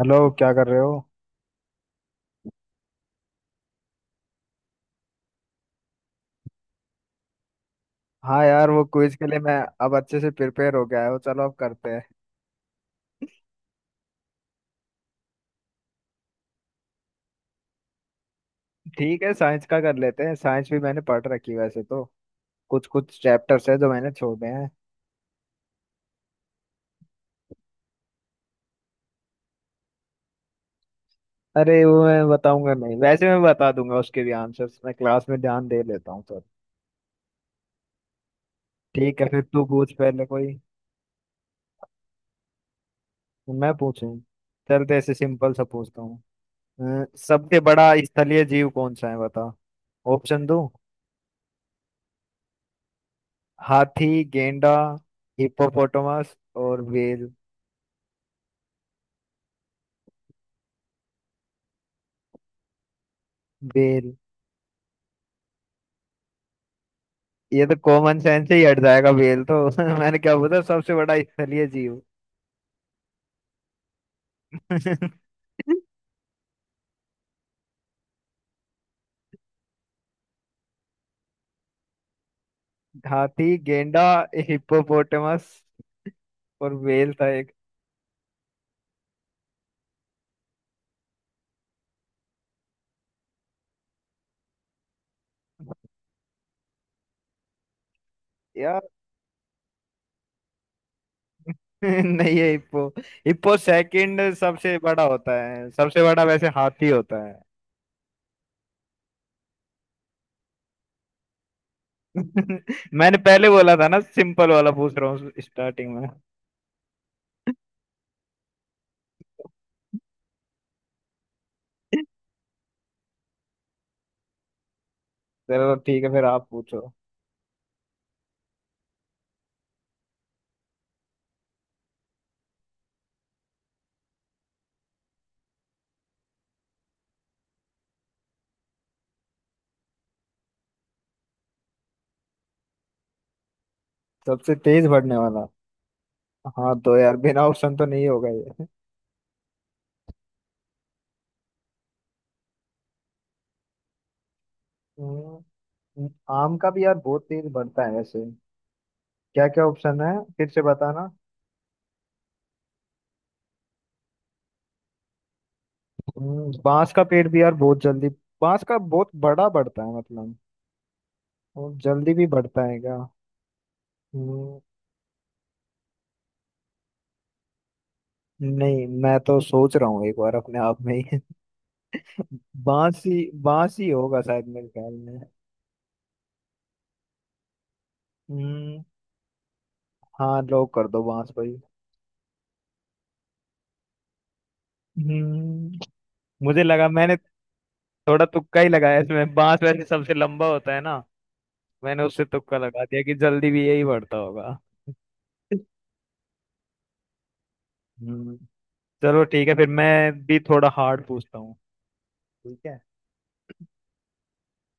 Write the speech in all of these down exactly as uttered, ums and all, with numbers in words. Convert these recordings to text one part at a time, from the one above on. Hello, क्या कर रहे हो? हाँ यार, वो क्विज के लिए मैं अब अच्छे से प्रिपेयर हो गया हूँ। चलो अब करते हैं। ठीक है, साइंस का कर लेते हैं। साइंस भी मैंने पढ़ रखी है वैसे तो। कुछ कुछ चैप्टर्स है जो मैंने छोड़े हैं। अरे वो मैं बताऊंगा नहीं। वैसे मैं बता दूंगा, उसके भी आंसर्स मैं क्लास में ध्यान दे लेता हूँ सर। ठीक है फिर, तू पूछ पहले कोई। मैं पूछूं? चलते ऐसे सिंपल सा पूछता हूँ। अ, सबसे बड़ा स्थलीय जीव कौन सा है, बता। ऑप्शन दो। हाथी, गेंडा, हिप्पोपोटामस और व्हेल। व्हेल? ये तो कॉमन सेंस से ही हट जाएगा बेल तो। मैंने क्या बोला? सबसे बड़ा स्थलीय जीव। हाथी, गेंडा, हिप्पोपोटामस और व्हेल था एक। यार नहीं है हिप्पो। हिप्पो सेकंड सबसे बड़ा होता है, सबसे बड़ा वैसे हाथी होता है। मैंने पहले बोला था ना, सिंपल वाला पूछ रहा हूँ स्टार्टिंग में। चलो ठीक है, फिर आप पूछो। सबसे तेज बढ़ने वाला। हाँ तो यार, बिना ऑप्शन तो नहीं होगा ये। हम्म, आम का भी यार बहुत तेज बढ़ता है वैसे। क्या क्या ऑप्शन है? फिर से बताना। हम्म, बांस का पेड़ भी यार बहुत जल्दी। बांस का बहुत बड़ा बढ़ता है मतलब। और जल्दी भी बढ़ता है क्या? हम्म, नहीं मैं तो सोच रहा हूँ एक बार अपने आप में ही। बांस ही, बांस ही होगा शायद मेरे ख्याल में। हम्म। हाँ, लॉक कर दो बांस भाई। हम्म, मुझे लगा मैंने थोड़ा तुक्का ही लगाया इसमें। बांस वैसे सबसे लंबा होता है ना, मैंने उससे तुक्का लगा दिया कि जल्दी भी यही बढ़ता होगा। हम्म। चलो ठीक है, फिर मैं भी थोड़ा हार्ड पूछता हूँ। ठीक है।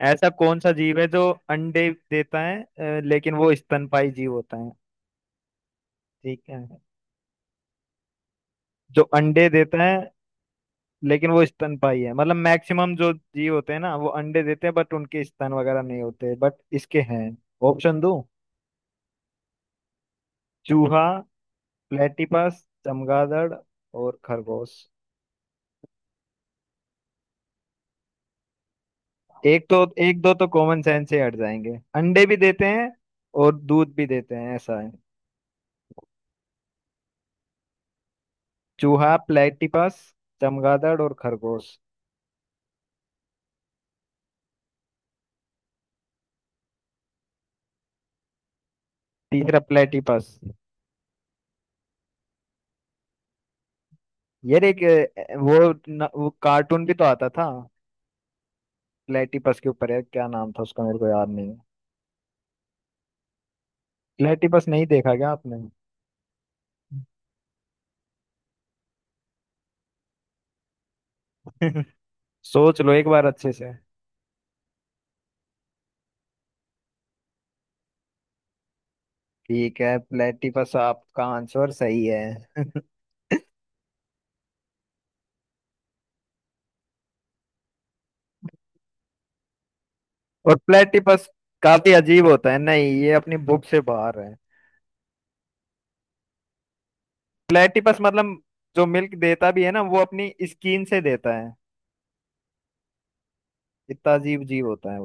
ऐसा कौन सा जीव है जो अंडे देता है अ, लेकिन वो स्तनपाई जीव होता है। ठीक है, जो अंडे देता है लेकिन वो स्तनपाई है। मतलब मैक्सिमम जो जीव होते हैं ना, वो अंडे देते हैं बट उनके स्तन वगैरह नहीं होते, बट इसके हैं। ऑप्शन दो। चूहा, प्लेटिपस, चमगादड़ और खरगोश। एक तो, एक दो तो कॉमन सेंस से हट जाएंगे। अंडे भी देते हैं और दूध भी देते हैं ऐसा है। चूहा, प्लेटिपस, चमगादड़ और खरगोश। तीसरा प्लेटिपस। यार एक अ, वो न, वो कार्टून भी तो आता था प्लेटिपस के ऊपर, है। क्या नाम था उसका, मेरे को याद नहीं है। प्लेटिपस नहीं देखा क्या आपने? सोच लो एक बार अच्छे से। ठीक है, प्लेटिपस आपका आंसर सही है। और प्लेटिपस काफी अजीब होता है। नहीं, ये अपनी बुक से बाहर है। प्लेटिपस मतलब जो मिल्क देता भी है ना, वो अपनी स्किन से देता है। इतना अजीब जीव होता है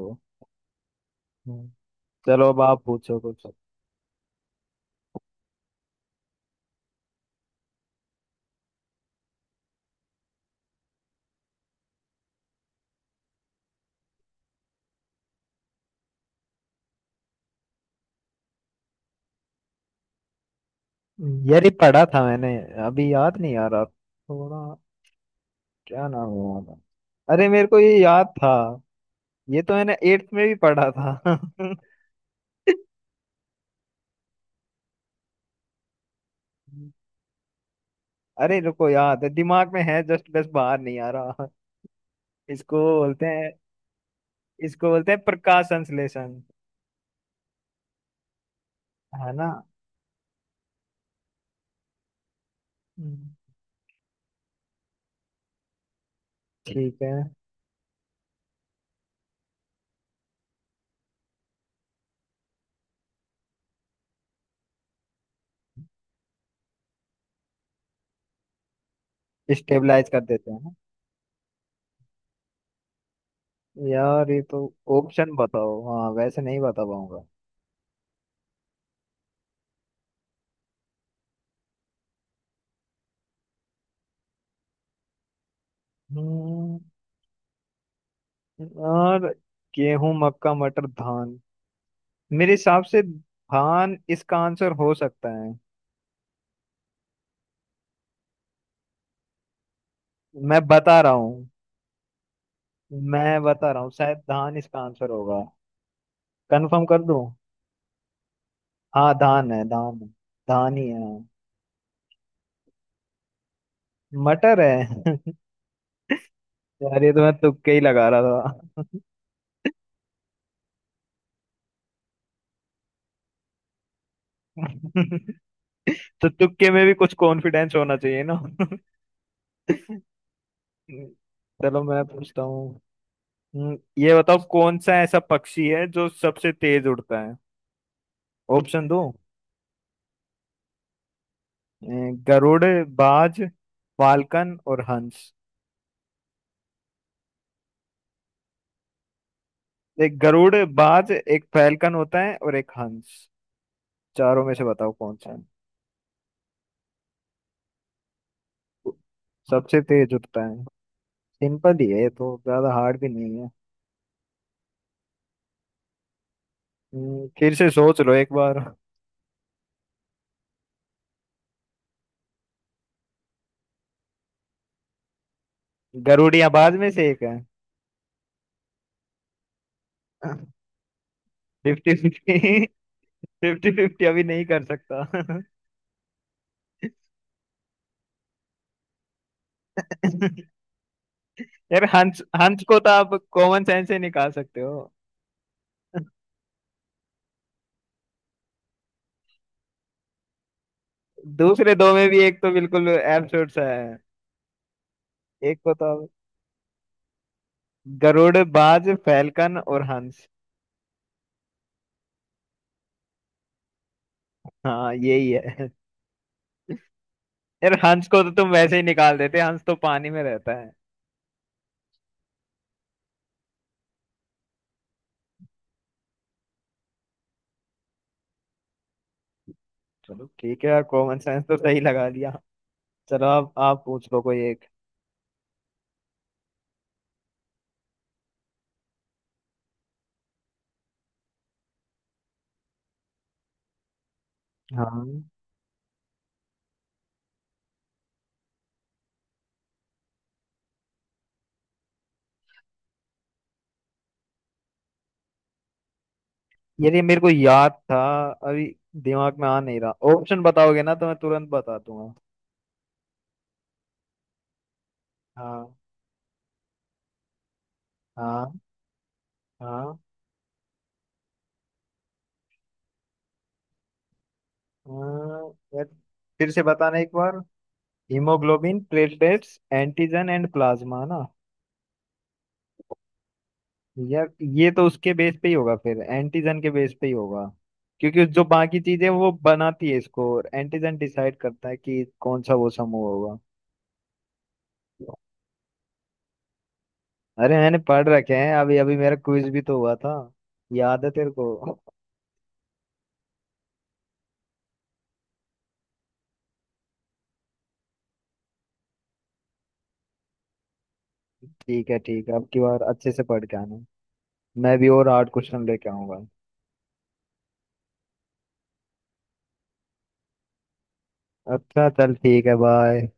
वो। चलो अब आप पूछो कुछ। यार ये पढ़ा था मैंने, अभी याद नहीं आ रहा थोड़ा। क्या नाम है यार? अरे मेरे को ये याद था, ये तो मैंने एट्थ में भी पढ़ा था। अरे रुको, याद है, दिमाग में है, जस्ट बस बाहर नहीं आ रहा। इसको बोलते हैं, इसको बोलते हैं प्रकाश संश्लेषण। है ना? हम्म। ठीक है। स्टेबलाइज कर देते हैं ना। यार ये तो। ऑप्शन बताओ, हाँ वैसे नहीं बता पाऊंगा। हम्म, और गेहूं, मक्का, मटर, धान। मेरे हिसाब से धान इसका आंसर हो सकता है। मैं बता रहा हूँ, मैं बता रहा हूँ शायद धान इसका आंसर होगा। कंफर्म कर दूं? हाँ, धान है, धान है। धान ही है। मटर है? यार ये तो मैं तुक्के ही लगा रहा था। तो तुक्के में भी कुछ कॉन्फिडेंस होना चाहिए ना। चलो मैं पूछता हूँ। हम्म, ये बताओ कौन सा ऐसा पक्षी है जो सबसे तेज उड़ता है? ऑप्शन दो। गरुड़, बाज, फाल्कन और हंस। एक गरुड़, बाज, एक फैल्कन होता है और एक हंस। चारों में से बताओ कौन सा है। सबसे तेज उड़ता है। सिंपल ही है ये तो, ज्यादा हार्ड भी नहीं है। हम्म, फिर से सोच लो एक बार। गरुड़ या बाज में से एक है। Fifty fifty? फिफ्टी फिफ्टी अभी नहीं कर सकता। यार हंस, हंस को तो आप कॉमन सेंस से निकाल सकते हो। दूसरे दो में भी एक तो बिल्कुल एब्सर्ड सा है। एक को तो, गरुड़, बाज, फैलकन और हंस। हाँ यही है। यार हंस को तो तुम वैसे ही निकाल देते, हंस तो पानी में रहता है। चलो ठीक है यार, कॉमन सेंस तो सही लगा दिया। चलो आप आप पूछ लो कोई एक। हाँ यार ये मेरे को याद था, अभी दिमाग में आ नहीं रहा। ऑप्शन बताओगे ना तो मैं तुरंत बता दूंगा। हाँ। हाँ। हाँ। हाँ, यार फिर से बताना एक बार। Haemoglobin, platelets, antigen and plasma ना। यार ये तो उसके बेस पे ही होगा, फिर एंटीजन के बेस पे ही होगा, क्योंकि जो बाकी चीजें वो बनाती है इसको, और एंटीजन डिसाइड करता है कि कौन सा वो समूह होगा। अरे मैंने पढ़ रखे हैं, अभी अभी मेरा क्विज भी तो हुआ था। याद है तेरे को? ठीक है ठीक है, अब की बार अच्छे से पढ़ के आना। मैं भी और आठ क्वेश्चन लेके आऊंगा। अच्छा चल, ठीक है, बाय।